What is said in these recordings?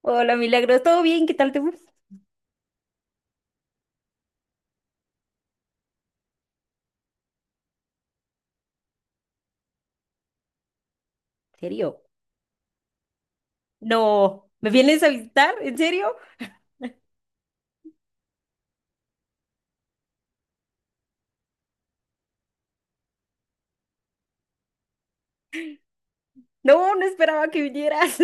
Hola, Milagros, ¿todo bien? ¿Qué tal te fue? ¿En serio? No, ¿me vienes a visitar? ¿En serio? No, no esperaba que vinieras.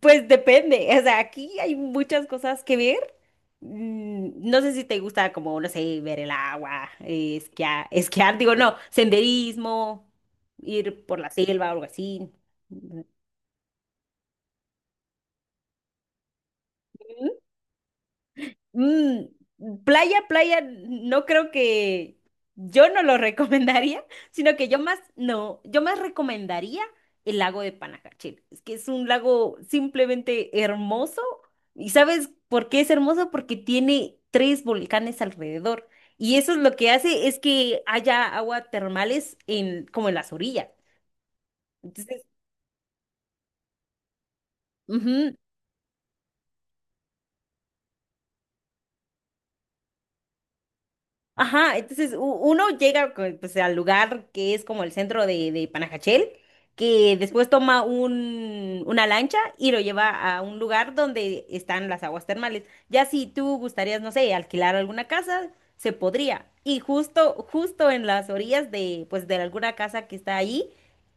Pues depende, o sea, aquí hay muchas cosas que ver. No sé si te gusta como, no sé, ver el agua, esquiar, esquiar, digo, no, senderismo, ir por la selva o algo así. Mm, Playa, playa, no creo que yo no lo recomendaría, sino que yo más, no, yo más recomendaría el lago de Panajachel. Es que es un lago simplemente hermoso. ¿Y sabes por qué es hermoso? Porque tiene tres volcanes alrededor. Y eso es lo que hace es que haya agua termales en, como en las orillas. Entonces, ujú. Ajá, entonces uno llega pues, al lugar que es como el centro de Panajachel, que después toma una lancha y lo lleva a un lugar donde están las aguas termales. Ya si tú gustarías, no sé, alquilar alguna casa, se podría. Y justo, justo en las orillas de, pues, de alguna casa que está ahí,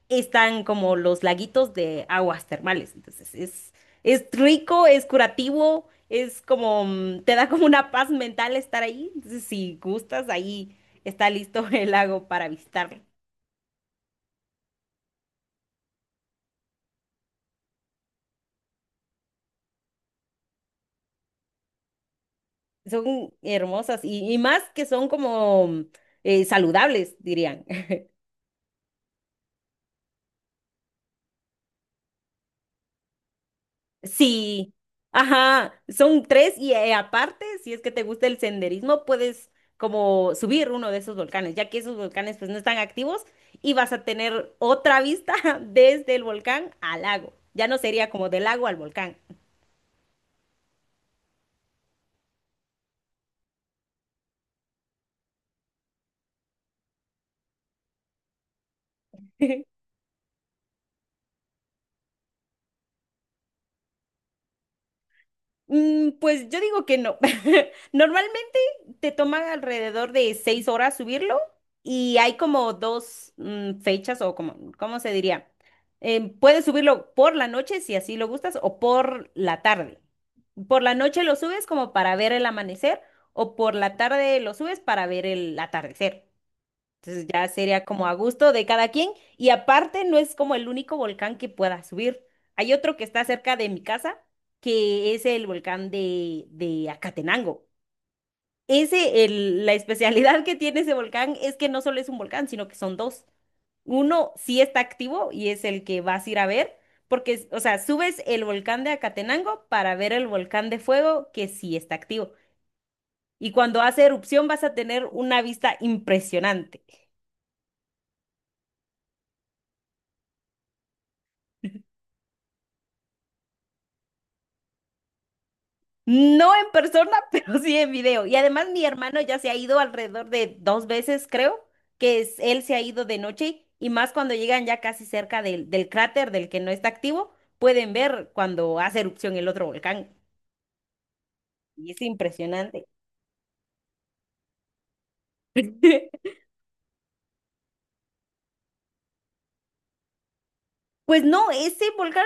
están como los laguitos de aguas termales. Entonces es rico, es curativo, es como, te da como una paz mental estar ahí. Entonces si gustas, ahí está listo el lago para visitarlo. Son hermosas y más que son como saludables, dirían. Sí, ajá, son tres y aparte, si es que te gusta el senderismo, puedes como subir uno de esos volcanes, ya que esos volcanes pues no están activos y vas a tener otra vista desde el volcán al lago. Ya no sería como del lago al volcán. Pues yo digo que no. Normalmente te toma alrededor de 6 horas subirlo y hay como dos fechas o como, ¿cómo se diría? Puedes subirlo por la noche si así lo gustas o por la tarde. Por la noche lo subes como para ver el amanecer o por la tarde lo subes para ver el atardecer. Entonces ya sería como a gusto de cada quien. Y aparte no es como el único volcán que pueda subir. Hay otro que está cerca de mi casa, que es el volcán de Acatenango. Ese, la especialidad que tiene ese volcán es que no solo es un volcán, sino que son dos. Uno sí está activo y es el que vas a ir a ver, porque, o sea, subes el volcán de Acatenango para ver el volcán de fuego que sí está activo. Y cuando hace erupción vas a tener una vista impresionante. No en persona, pero sí en video. Y además mi hermano ya se ha ido alrededor de dos veces, creo, él se ha ido de noche y más cuando llegan ya casi cerca del cráter del que no está activo, pueden ver cuando hace erupción el otro volcán. Y es impresionante. Pues no, ese volcán,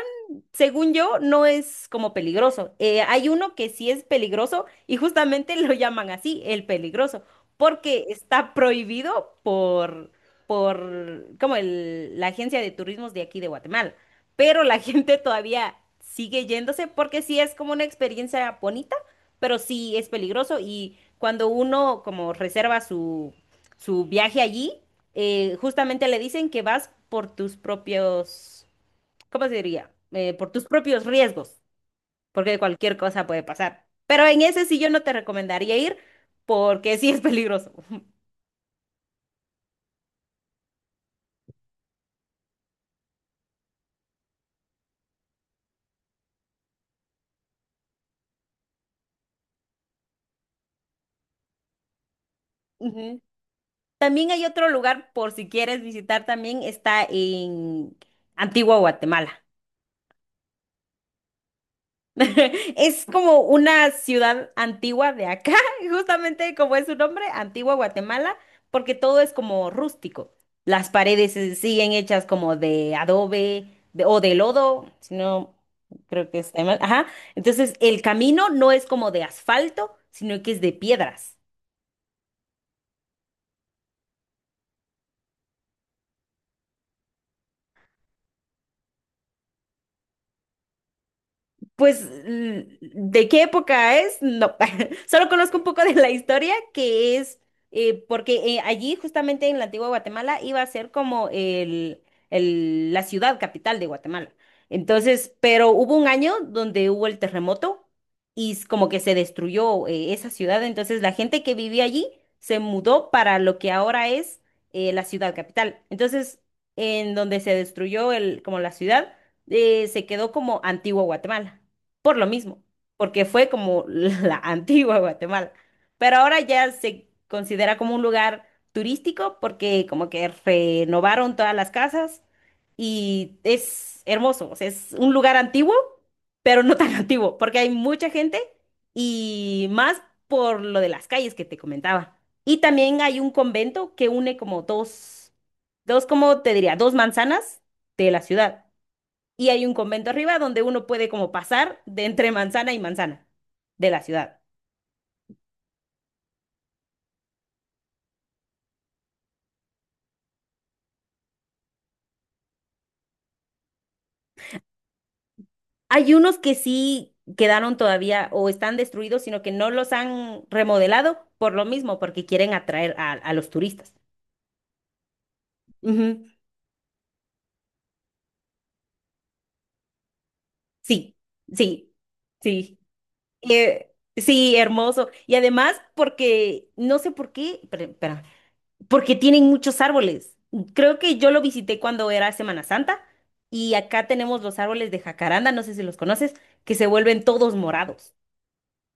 según yo, no es como peligroso. Hay uno que sí es peligroso y justamente lo llaman así, el peligroso, porque está prohibido por como la agencia de turismos de aquí de Guatemala. Pero la gente todavía sigue yéndose porque sí es como una experiencia bonita, pero sí es peligroso y cuando uno como reserva su viaje allí, justamente le dicen que vas por tus propios ¿cómo se diría? Por tus propios riesgos, porque cualquier cosa puede pasar. Pero en ese sí yo no te recomendaría ir porque sí es peligroso. Ujú. También hay otro lugar por si quieres visitar también, está en Antigua Guatemala. Es como una ciudad antigua de acá, justamente como es su nombre, Antigua Guatemala, porque todo es como rústico. Las paredes siguen hechas como de adobe o de lodo, si no creo que está mal. Ajá. Entonces, el camino no es como de asfalto, sino que es de piedras. Pues, ¿de qué época es? No, solo conozco un poco de la historia, que es porque allí, justamente en la antigua Guatemala, iba a ser como la ciudad capital de Guatemala. Entonces, pero hubo un año donde hubo el terremoto y como que se destruyó esa ciudad. Entonces, la gente que vivía allí se mudó para lo que ahora es la ciudad capital. Entonces, en donde se destruyó como la ciudad se quedó como Antigua Guatemala por lo mismo, porque fue como la antigua Guatemala. Pero ahora ya se considera como un lugar turístico porque como que renovaron todas las casas y es hermoso, o sea, es un lugar antiguo, pero no tan antiguo, porque hay mucha gente y más por lo de las calles que te comentaba. Y también hay un convento que une como como te diría? Dos manzanas de la ciudad y hay un convento arriba donde uno puede como pasar de entre manzana y manzana de la ciudad. Hay unos que sí quedaron todavía o están destruidos, sino que no los han remodelado por lo mismo, porque quieren atraer a los turistas. Ujú. Sí, sí, sí. Sí, hermoso. Y además porque, no sé por qué, pero, espérame, porque tienen muchos árboles. Creo que yo lo visité cuando era Semana Santa y acá tenemos los árboles de jacaranda, no sé si los conoces, que se vuelven todos morados.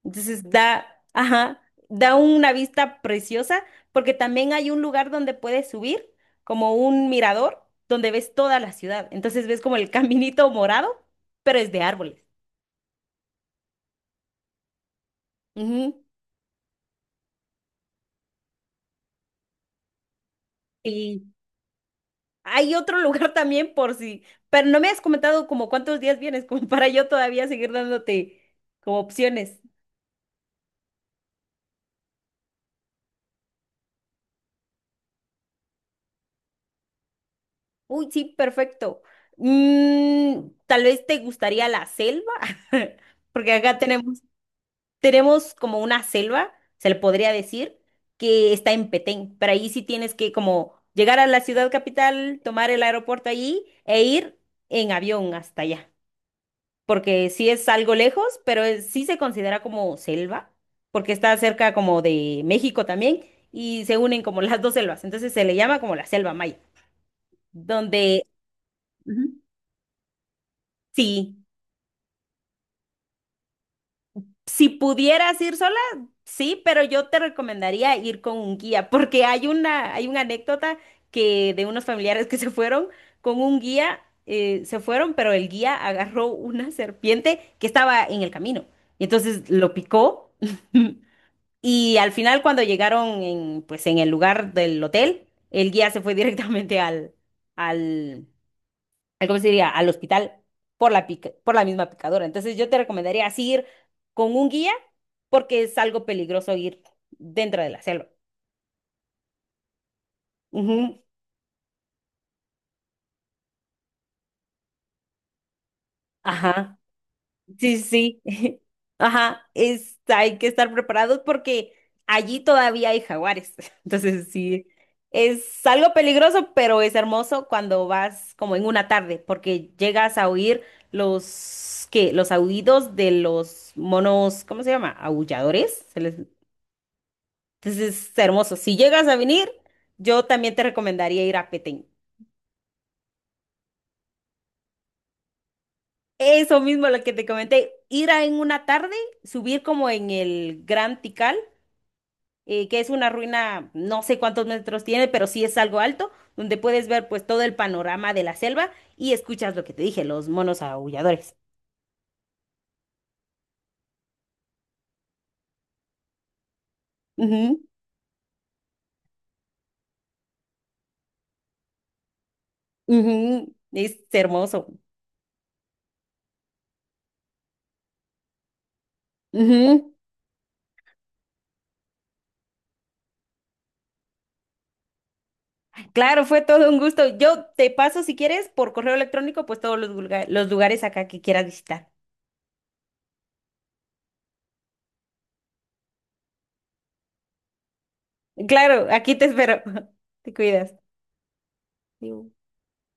Entonces ajá, da una vista preciosa porque también hay un lugar donde puedes subir, como un mirador, donde ves toda la ciudad. Entonces ves como el caminito morado, pero es de árboles. Ujú. Y hay otro lugar también por si, pero no me has comentado como cuántos días vienes, como para yo todavía seguir dándote como opciones. Uy, sí, perfecto. Tal vez te gustaría la selva, porque acá tenemos, tenemos como una selva, se le podría decir, que está en Petén, pero ahí sí tienes que como llegar a la ciudad capital, tomar el aeropuerto allí e ir en avión hasta allá. Porque sí es algo lejos, pero sí se considera como selva, porque está cerca como de México también, y se unen como las dos selvas, entonces se le llama como la selva maya, donde Ujú. Sí, si pudieras ir sola, sí, pero yo te recomendaría ir con un guía, porque hay una anécdota que de unos familiares que se fueron con un guía, se fueron, pero el guía agarró una serpiente que estaba en el camino, y entonces lo picó. Y al final, cuando llegaron en, pues, en el lugar del hotel, el guía se fue directamente al, ¿cómo se diría? Al hospital por la misma picadora. Entonces, yo te recomendaría así ir con un guía porque es algo peligroso ir dentro de la selva. Ujú. Ajá. Sí, sí. Ajá, hay que estar preparados porque allí todavía hay jaguares. Entonces, sí, es algo peligroso, pero es hermoso cuando vas como en una tarde, porque llegas a oír los aullidos de los monos, ¿cómo se llama? Aulladores. Entonces, es hermoso. Si llegas a venir, yo también te recomendaría ir a Petén. Eso mismo lo que te comenté, ir a en una tarde, subir como en el Gran Tikal que es una ruina, no sé cuántos metros tiene, pero sí es algo alto, donde puedes ver pues todo el panorama de la selva y escuchas lo que te dije, los monos aulladores. Ujú, ujú, es hermoso. Ujú. Claro, fue todo un gusto. Yo te paso, si quieres, por correo electrónico, pues todos los lugares acá que quieras visitar. Claro, aquí te espero. Te cuidas. Adiós.